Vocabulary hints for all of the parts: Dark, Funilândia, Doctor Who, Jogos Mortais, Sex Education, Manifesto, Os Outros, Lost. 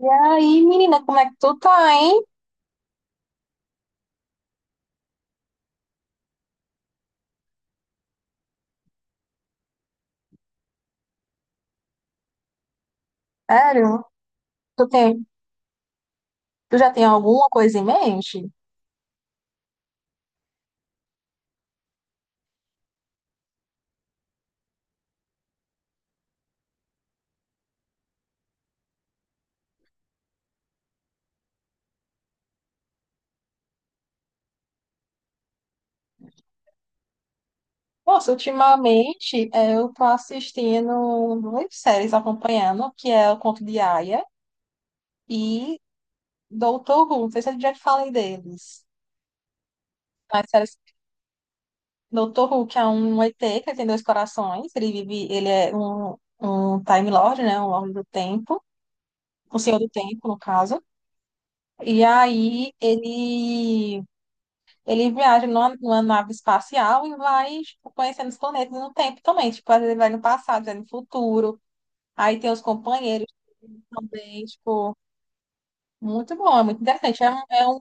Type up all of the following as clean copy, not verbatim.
E aí, menina, como é que tu tá, hein? Sério? Tu tem, tu já tem alguma coisa em mente? Nossa, ultimamente eu tô assistindo muitas séries acompanhando, que é O Conto de Aia e Doutor Who. Não sei se eu já te falei deles. As séries Doutor Who, que é um ET que tem dois corações. Ele vive, um Time Lord, né? Um Lorde do Tempo. Um Senhor do Tempo, no caso. E aí ele viaja numa nave espacial e vai, tipo, conhecendo os planetas no tempo também. Tipo, às vezes ele vai no passado, vai no futuro. Aí tem os companheiros também, tipo, muito bom, é muito interessante.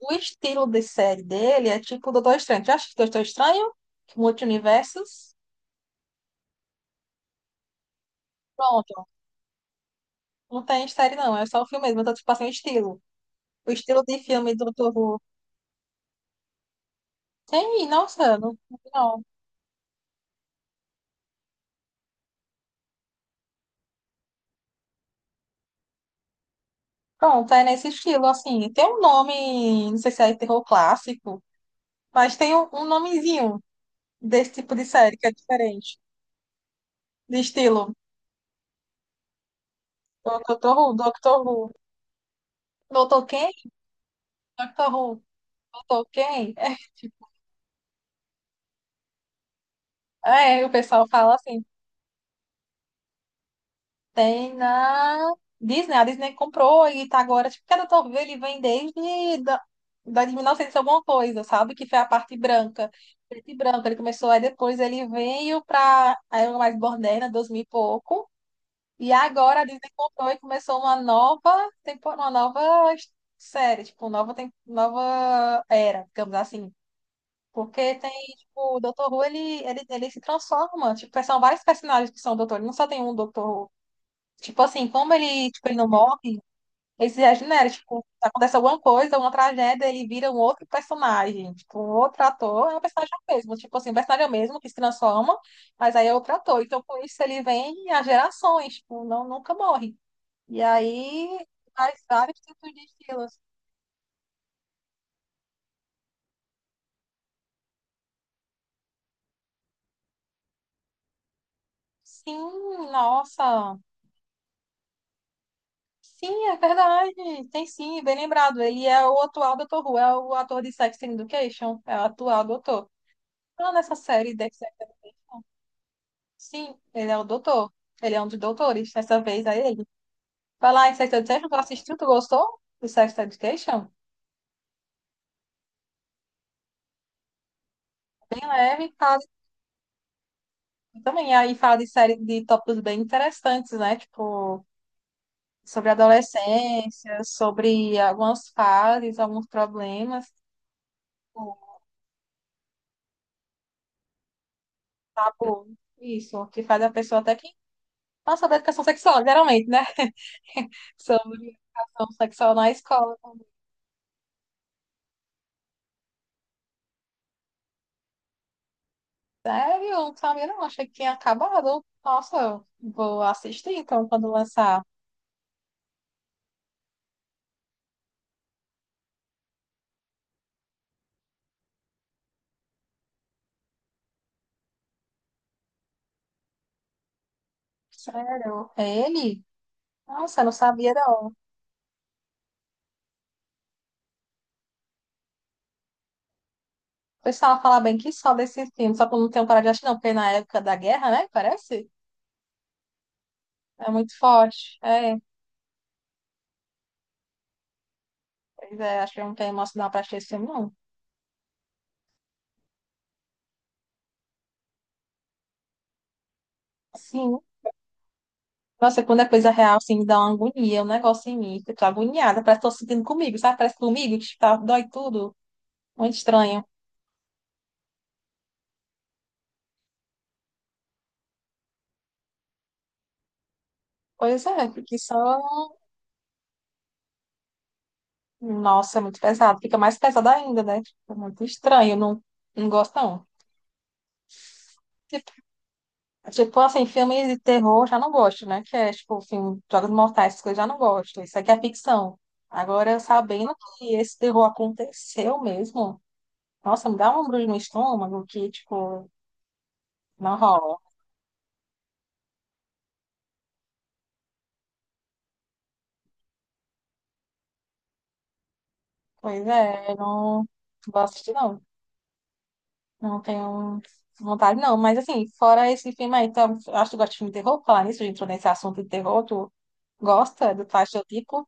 O estilo de série dele é tipo Doutor Estranho. Já assistiu Doutor Estranho? Multiversos? Pronto. Não tem série, não. É só o filme mesmo. Eu tô, tipo, assim, o estilo. O estilo de filme do Doutor Who. Tem, nossa, não. Pronto, é nesse estilo, assim. Tem um nome, não sei se é terror clássico, mas tem um nomezinho desse tipo de série que é diferente. De estilo. Doctor Who. Doutor quem? Doctor Who. Doutor quem? É, tipo, é, o pessoal fala assim. Tem na Disney. A Disney comprou e tá agora. Tipo, cada Doctor Who ele vem da de 1900 alguma coisa, sabe? Que foi a parte branca. Preto e branco. Ele começou, aí depois ele veio pra a era mais moderna, 2000 e pouco. E agora a Disney comprou e começou uma nova temporada, série, tipo, nova, nova era, digamos assim. Porque tem, tipo, o Dr. Who, ele se transforma. Tipo, são vários personagens que são Dr. Ele não só tem um Dr. Who. Tipo assim, como ele, tipo, ele não morre, ele se regenera. Tipo, acontece alguma coisa, uma tragédia, ele vira um outro personagem. Tipo, um outro ator é um personagem mesmo. Tipo assim, um personagem é o mesmo que se transforma, mas aí é outro ator. Então, com isso, ele vem a gerações. Tipo, não, nunca morre. E aí, vários tipos de estilos. Sim, nossa. Sim, é verdade. Tem sim, bem lembrado. Ele é o atual doutor Who, é o ator de Sex Education, é o atual doutor. Ah, nessa série Dex. Sim, ele é o doutor. Ele é um dos doutores. Dessa vez é ele. Vai lá em Sex Education, tu assistiu, tu gostou do Sex Education? É, e fala, também aí fala de série de tópicos bem interessantes, né? Tipo, sobre a adolescência, sobre algumas fases, alguns problemas, tipo, tabu, isso, que faz a pessoa até que fala sobre educação sexual, geralmente, né? Sobre educação sexual na escola. Sério, eu não sabia, não, achei que tinha acabado. Nossa, eu vou assistir então quando lançar. Sério, ele? Nossa, eu não sabia, não. O pessoal fala bem que só desse filme, só que eu não tenho parado de assistir, não, porque na época da guerra, né, parece? É muito forte. É, pois é, acho que eu não tenho emocional pra assistir esse filme, não. Sim. Nossa, quando é coisa real, assim, me dá uma agonia, um negócio em mim. Que eu tô agoniada, parece que tô sentindo comigo, sabe? Parece que comigo, que tá, dói tudo. Muito estranho. Pois é, porque só. Nossa, é muito pesado. Fica mais pesado ainda, né? Tipo, muito estranho. Não, não gosto, não. Tipo, tipo, assim, filmes de terror já não gosto, né? Que é, tipo, filme, Jogos Mortais, essas coisas já não gosto. Isso aqui é ficção. Agora, sabendo que esse terror aconteceu mesmo, nossa, me dá um embrulho no estômago que, tipo, não rola. Pois é, eu não vou assistir, não. Não tenho vontade, não. Mas, assim, fora esse filme aí, então, eu acho que tu gosta de filme de terror. Falar nisso, a gente entrou nesse assunto de terror. Tu gosta do faz teu tipo?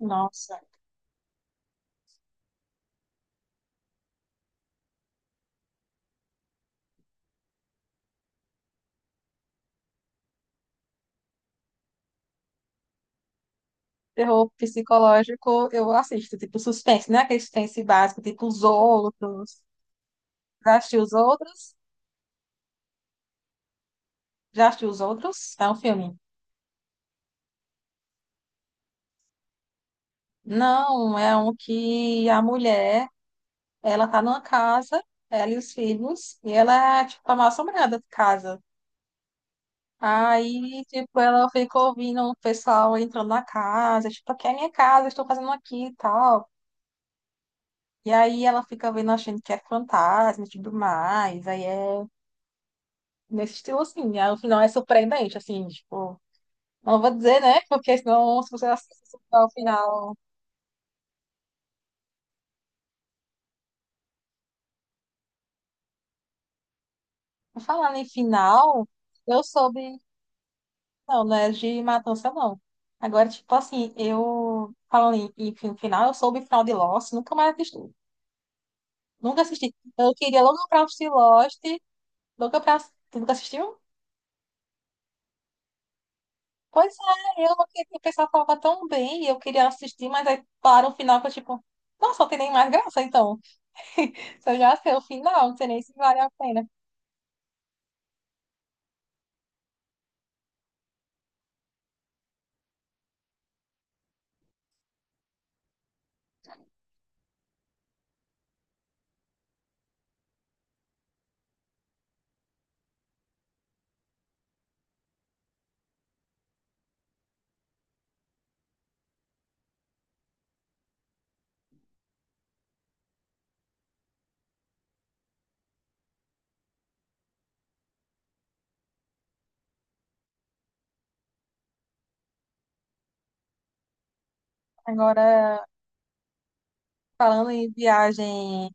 Nossa. Terror psicológico, eu assisto. Tipo, suspense, né? Aquele suspense básico, tipo Os Outros. Já assistiu Os Outros? Já assistiu Os Outros? É um filme. Não, é um que a mulher, ela tá numa casa, ela e os filhos, e ela é, tipo, a mal-assombrada de casa. Aí, tipo, ela fica ouvindo o pessoal entrando na casa, tipo, aqui é minha casa, estou fazendo aqui e tal. E aí ela fica vendo, achando que é fantasma e tudo mais. Aí é nesse estilo assim. Aí o final é surpreendente, assim, tipo, não vou dizer, né? Porque senão, se você assistir ao final. Falando em final, eu soube. Não, não é de matança, não. Agora, tipo assim, eu. Falando em, final, eu soube o final de Lost, nunca mais assisti. Nunca assisti. Eu queria logo comprar o Lost. Nunca, pra- nunca assistiu? Pois é, eu que o pessoal falava tão bem e eu queria assistir, mas aí para o final que eu tipo, nossa, não tem nem mais graça então. Se eu já sei o final, não sei nem se vale a pena. Agora, falando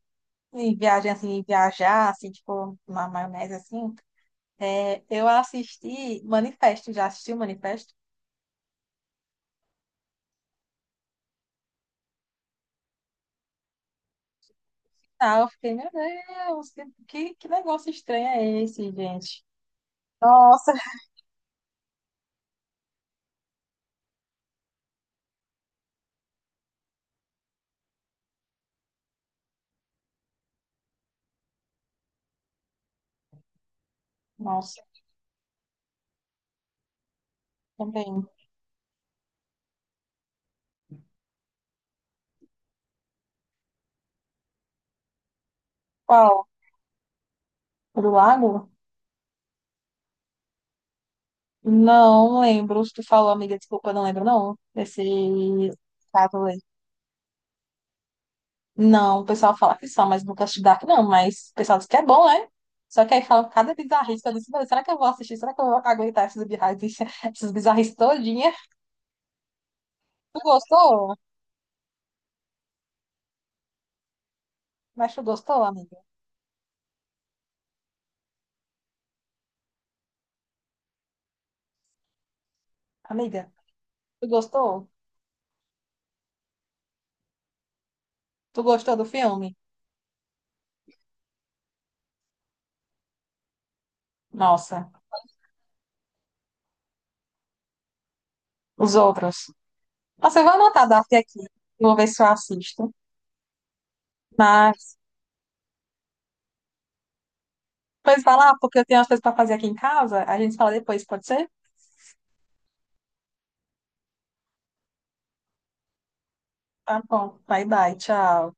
em viagem assim, viajar, assim, tipo, uma maionese assim, é, eu assisti Manifesto, já assisti o Manifesto? Ah, eu fiquei, meu Deus, que negócio estranho é esse, gente? Nossa, nossa, também. Qual? O do lago? Não lembro. Se tu falou, amiga, desculpa, não lembro, não. Desse caso aí. Não, o pessoal fala que são, mas nunca assisti Dark, não. Mas o pessoal diz que é bom, né? Só que aí falam cada bizarrice. Eu disse, "Meu, será que eu vou assistir? Será que eu vou aguentar essas bizarrices, essas bizarrices todinha?" Tu gostou? Mas tu gostou, amiga? Amiga, tu gostou? Tu gostou do filme? Nossa, os outros. Nossa, eu vou anotar Dark aqui. Vou ver se eu assisto. Mas, pois vai lá, porque eu tenho umas coisas pra fazer aqui em casa. A gente fala depois, pode ser? Tá bom. Bye, bye. Tchau.